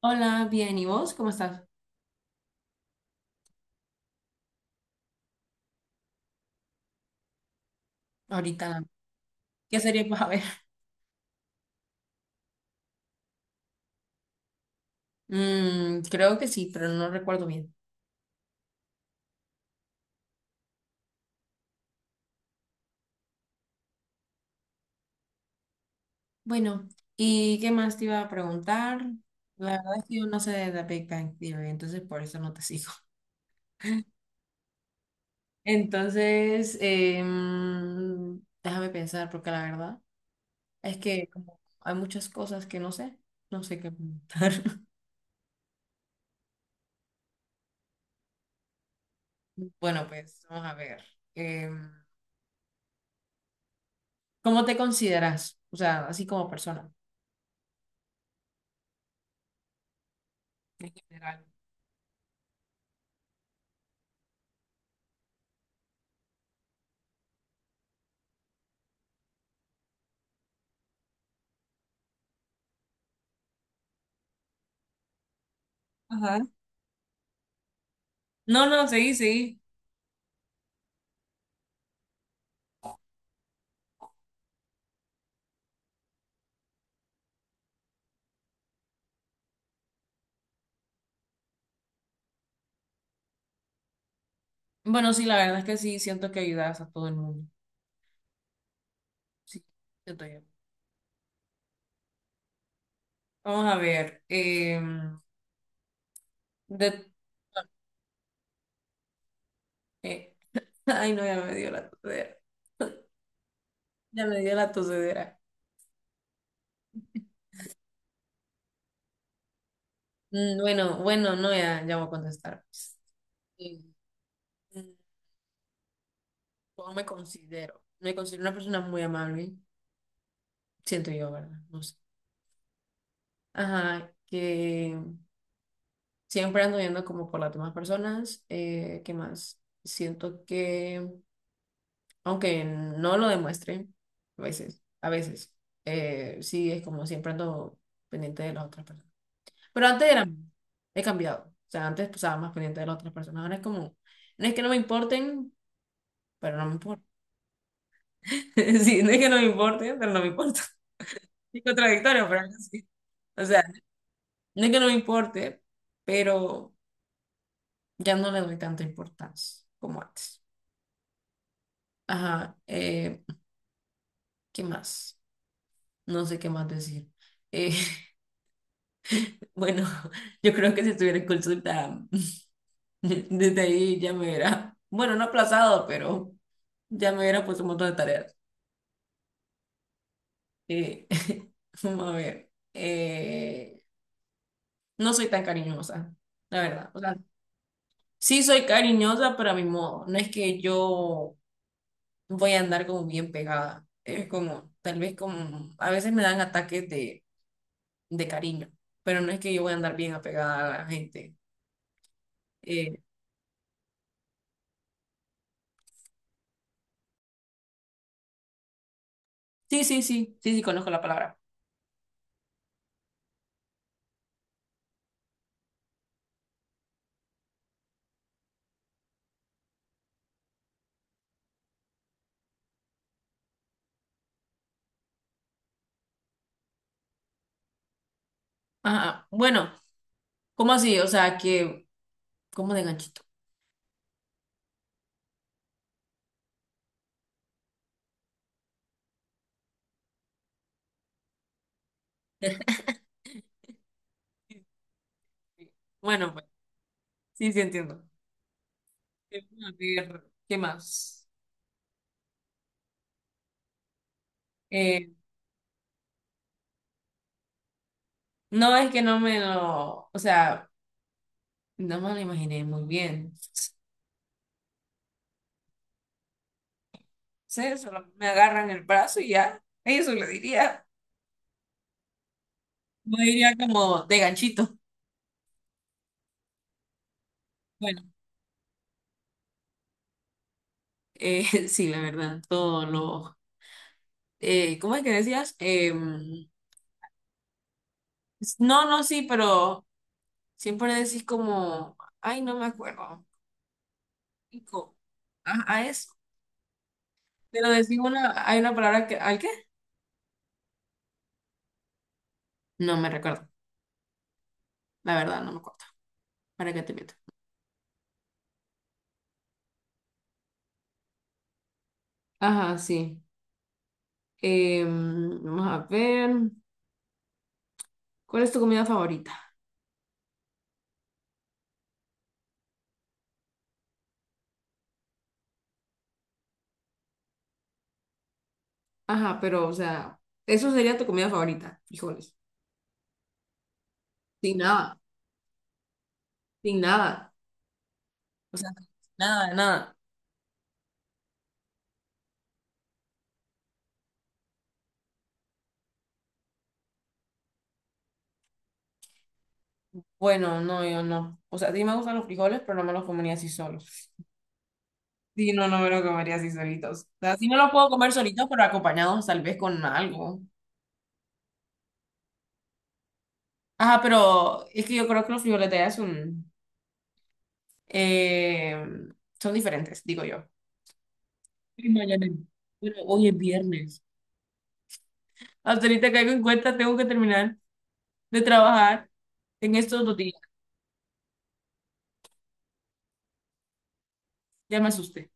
Hola, bien, ¿y vos? ¿Cómo estás? Ahorita, ¿qué serie vas a ver? Creo que sí, pero no recuerdo bien. Bueno, ¿y qué más te iba a preguntar? La verdad es que yo no sé de The Big Bang Theory, entonces por eso no te sigo. Entonces, déjame pensar, porque la verdad es que como hay muchas cosas que no sé, no sé qué preguntar. Bueno, pues vamos a ver. Em, ¿Cómo te consideras? O sea, así como persona, en general. Ajá. No, no, seguí, seguí. Bueno, sí, la verdad es que sí, siento que ayudas a todo el mundo. Sí, siento yo. Vamos a ver. De, eh, Ay, no, ya me dio la tosedera. Ya me dio la tosedera. Bueno, bueno, no, ya, ya voy a contestar pues. Sí. Mm, ¿Cómo me considero? Me considero una persona muy amable, siento yo, ¿verdad? No sé. Ajá, que siempre ando viendo como por las demás personas. ¿Qué más? Siento que aunque no lo demuestre, a veces, sí es como siempre ando pendiente de las otras personas. Pero antes era, he cambiado. O sea, antes pues, estaba más pendiente de las otras personas, ahora es como, no es que no me importen, pero no me importa. Sí, no es que no me importe pero no me importa. Es contradictorio, pero sí. O sea, no es que no me importe, pero ya no le doy tanta importancia como antes. Ajá. ¿Qué más? No sé qué más decir. Eh, Bueno, yo creo que si estuviera en consulta, desde ahí ya me hubiera, bueno, no aplazado, pero ya me hubiera puesto un montón de tareas. Eh, Vamos a ver, no soy tan cariñosa, la verdad. O sea, sí soy cariñosa, pero a mi modo. No es que yo voy a andar como bien pegada. Es como, tal vez como, a veces me dan ataques de cariño, pero no es que yo voy a andar bien apegada a la gente. Eh, sí, sí, sí, sí, sí, conozco la palabra. Ajá, bueno, ¿cómo así? O sea, que, ¿cómo de ganchito? Bueno, pues, sí, sí entiendo. Eh, A ver, ¿qué más? Eh, no es que no me lo, o sea, no me lo imaginé muy bien. Sí, solo me agarran el brazo y ya. Eso le diría. No diría como de ganchito. Bueno, sí, la verdad, todo lo. ¿Cómo es que decías? No, no, sí, pero siempre decís como, ay, no me acuerdo. Pico, a eso. Pero decir una, hay una palabra que, ¿al qué? No me recuerdo, la verdad, no me acuerdo. ¿Para qué te meto? Ajá, sí. Vamos a ver, ¿cuál es tu comida favorita? Ajá, pero, o sea, eso sería tu comida favorita, frijoles. Sin nada, sin nada. O sea, nada, de nada. Bueno, no, yo no. O sea, sí me gustan los frijoles, pero no me los comería así solos. Sí, no, no me los comería así solitos. O sea, sí me los puedo comer solitos, pero acompañados tal vez con algo. Ajá, pero es que yo creo que los violetas eh, son diferentes, digo yo. Y mañana. Bueno, hoy es viernes. Hasta ahorita caigo en cuenta, tengo que terminar de trabajar en estos 2 días. Ya me asusté.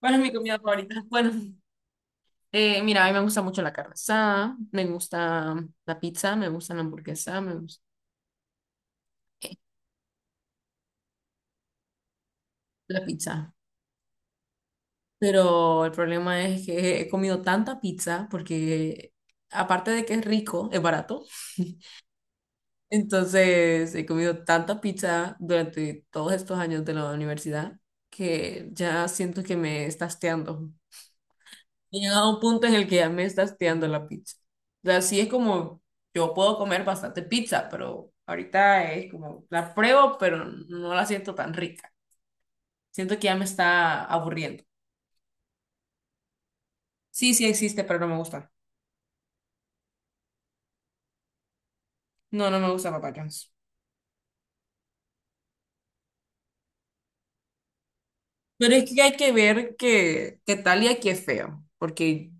¿Cuál es mi comida favorita? Bueno, mira, a mí me gusta mucho la carne asada, me gusta la pizza, me gusta la hamburguesa, me gusta la pizza. Pero el problema es que he comido tanta pizza porque aparte de que es rico, es barato. Entonces, he comido tanta pizza durante todos estos años de la universidad que ya siento que me está hasteando. He llegado a un punto en el que ya me está hasteando la pizza. O sea, sí es como, yo puedo comer bastante pizza, pero ahorita es como, la pruebo, pero no la siento tan rica. Siento que ya me está aburriendo. Sí, sí existe, pero no me gusta. No, no me gusta Papa John's. Pero es que hay que ver que Talia aquí es feo, porque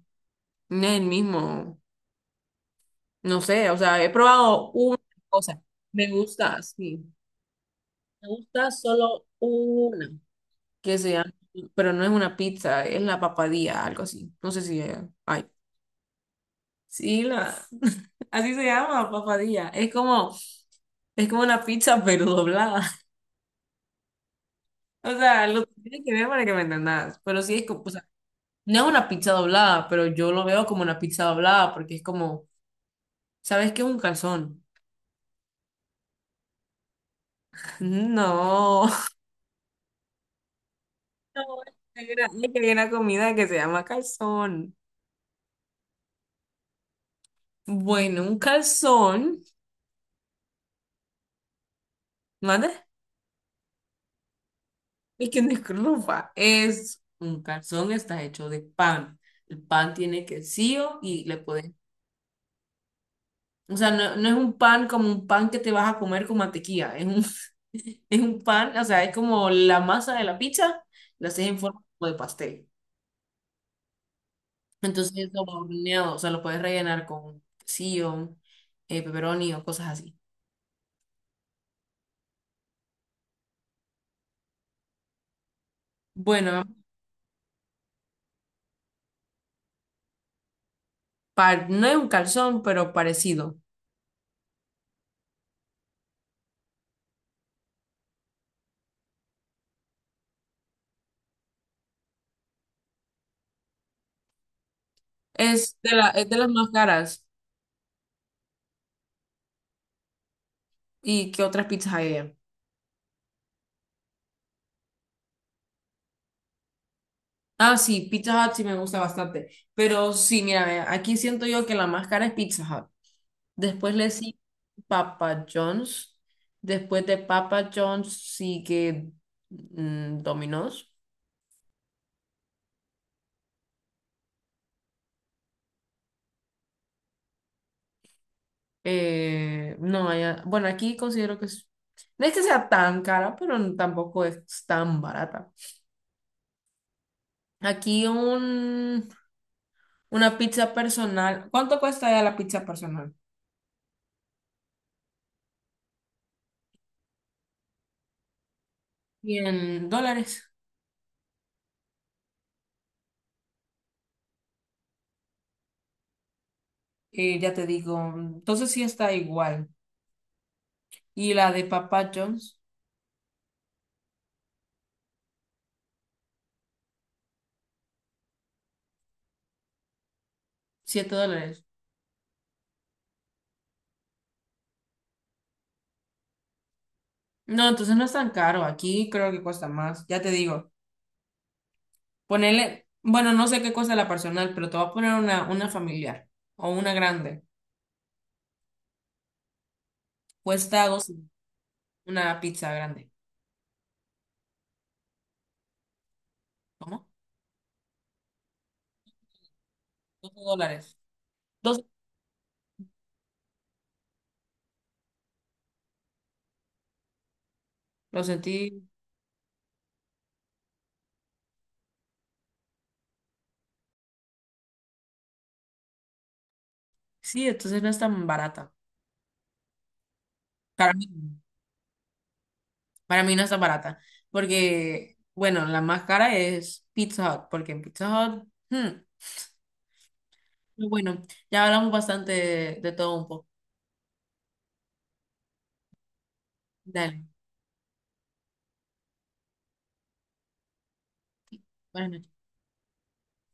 no es el mismo. No sé, o sea, he probado una cosa. Me gusta, sí. Me gusta solo una, que se llama, pero no es una pizza, es la papadilla, algo así. No sé si hay. Sí, la, así se llama, papadilla. Es como una pizza, pero doblada. O sea, lo tienes que ver para que me entendas. Pero sí es como, o sea, no es una pizza doblada, pero yo lo veo como una pizza doblada, porque es como, ¿sabes qué es un calzón? No. No, hay una hay una comida que se llama calzón. Bueno, un calzón, ¿mande? Y que no es. Es un calzón, está hecho de pan. El pan tiene quesillo y le puedes, o sea, no, no es un pan como un pan que te vas a comer con mantequilla, es un pan, o sea, es como la masa de la pizza, la haces en forma como de pastel. Entonces lo va horneado, o sea, lo puedes rellenar con quesillo, pepperoni o cosas así. Bueno, no es un calzón, pero parecido. Es de las más caras. ¿Y qué otras pizzas hay allá? Ah, sí, Pizza Hut sí me gusta bastante. Pero sí, mira, ve, aquí siento yo que la más cara es Pizza Hut. Después le sigue Papa John's. Después de Papa John's sigue Domino's. No, bueno, aquí considero que no es que sea tan cara, pero tampoco es tan barata. Aquí un Una pizza personal. ¿Cuánto cuesta ya la pizza personal? $100. Ya te digo. Entonces sí está igual. Y la de Papa John's, $7. No, entonces no es tan caro. Aquí creo que cuesta más. Ya te digo. Ponele. Bueno, no sé qué cuesta la personal, pero te voy a poner una familiar o una grande. Cuesta 12 Una pizza grande. ¿Cómo? $12. 12. Lo sentí. Sí, entonces no es tan barata. Para mí, no. Para mí no está barata, porque, bueno, la más cara es Pizza Hut, porque en Pizza Hut, pero bueno, ya hablamos bastante de todo un poco. Dale, buenas noches.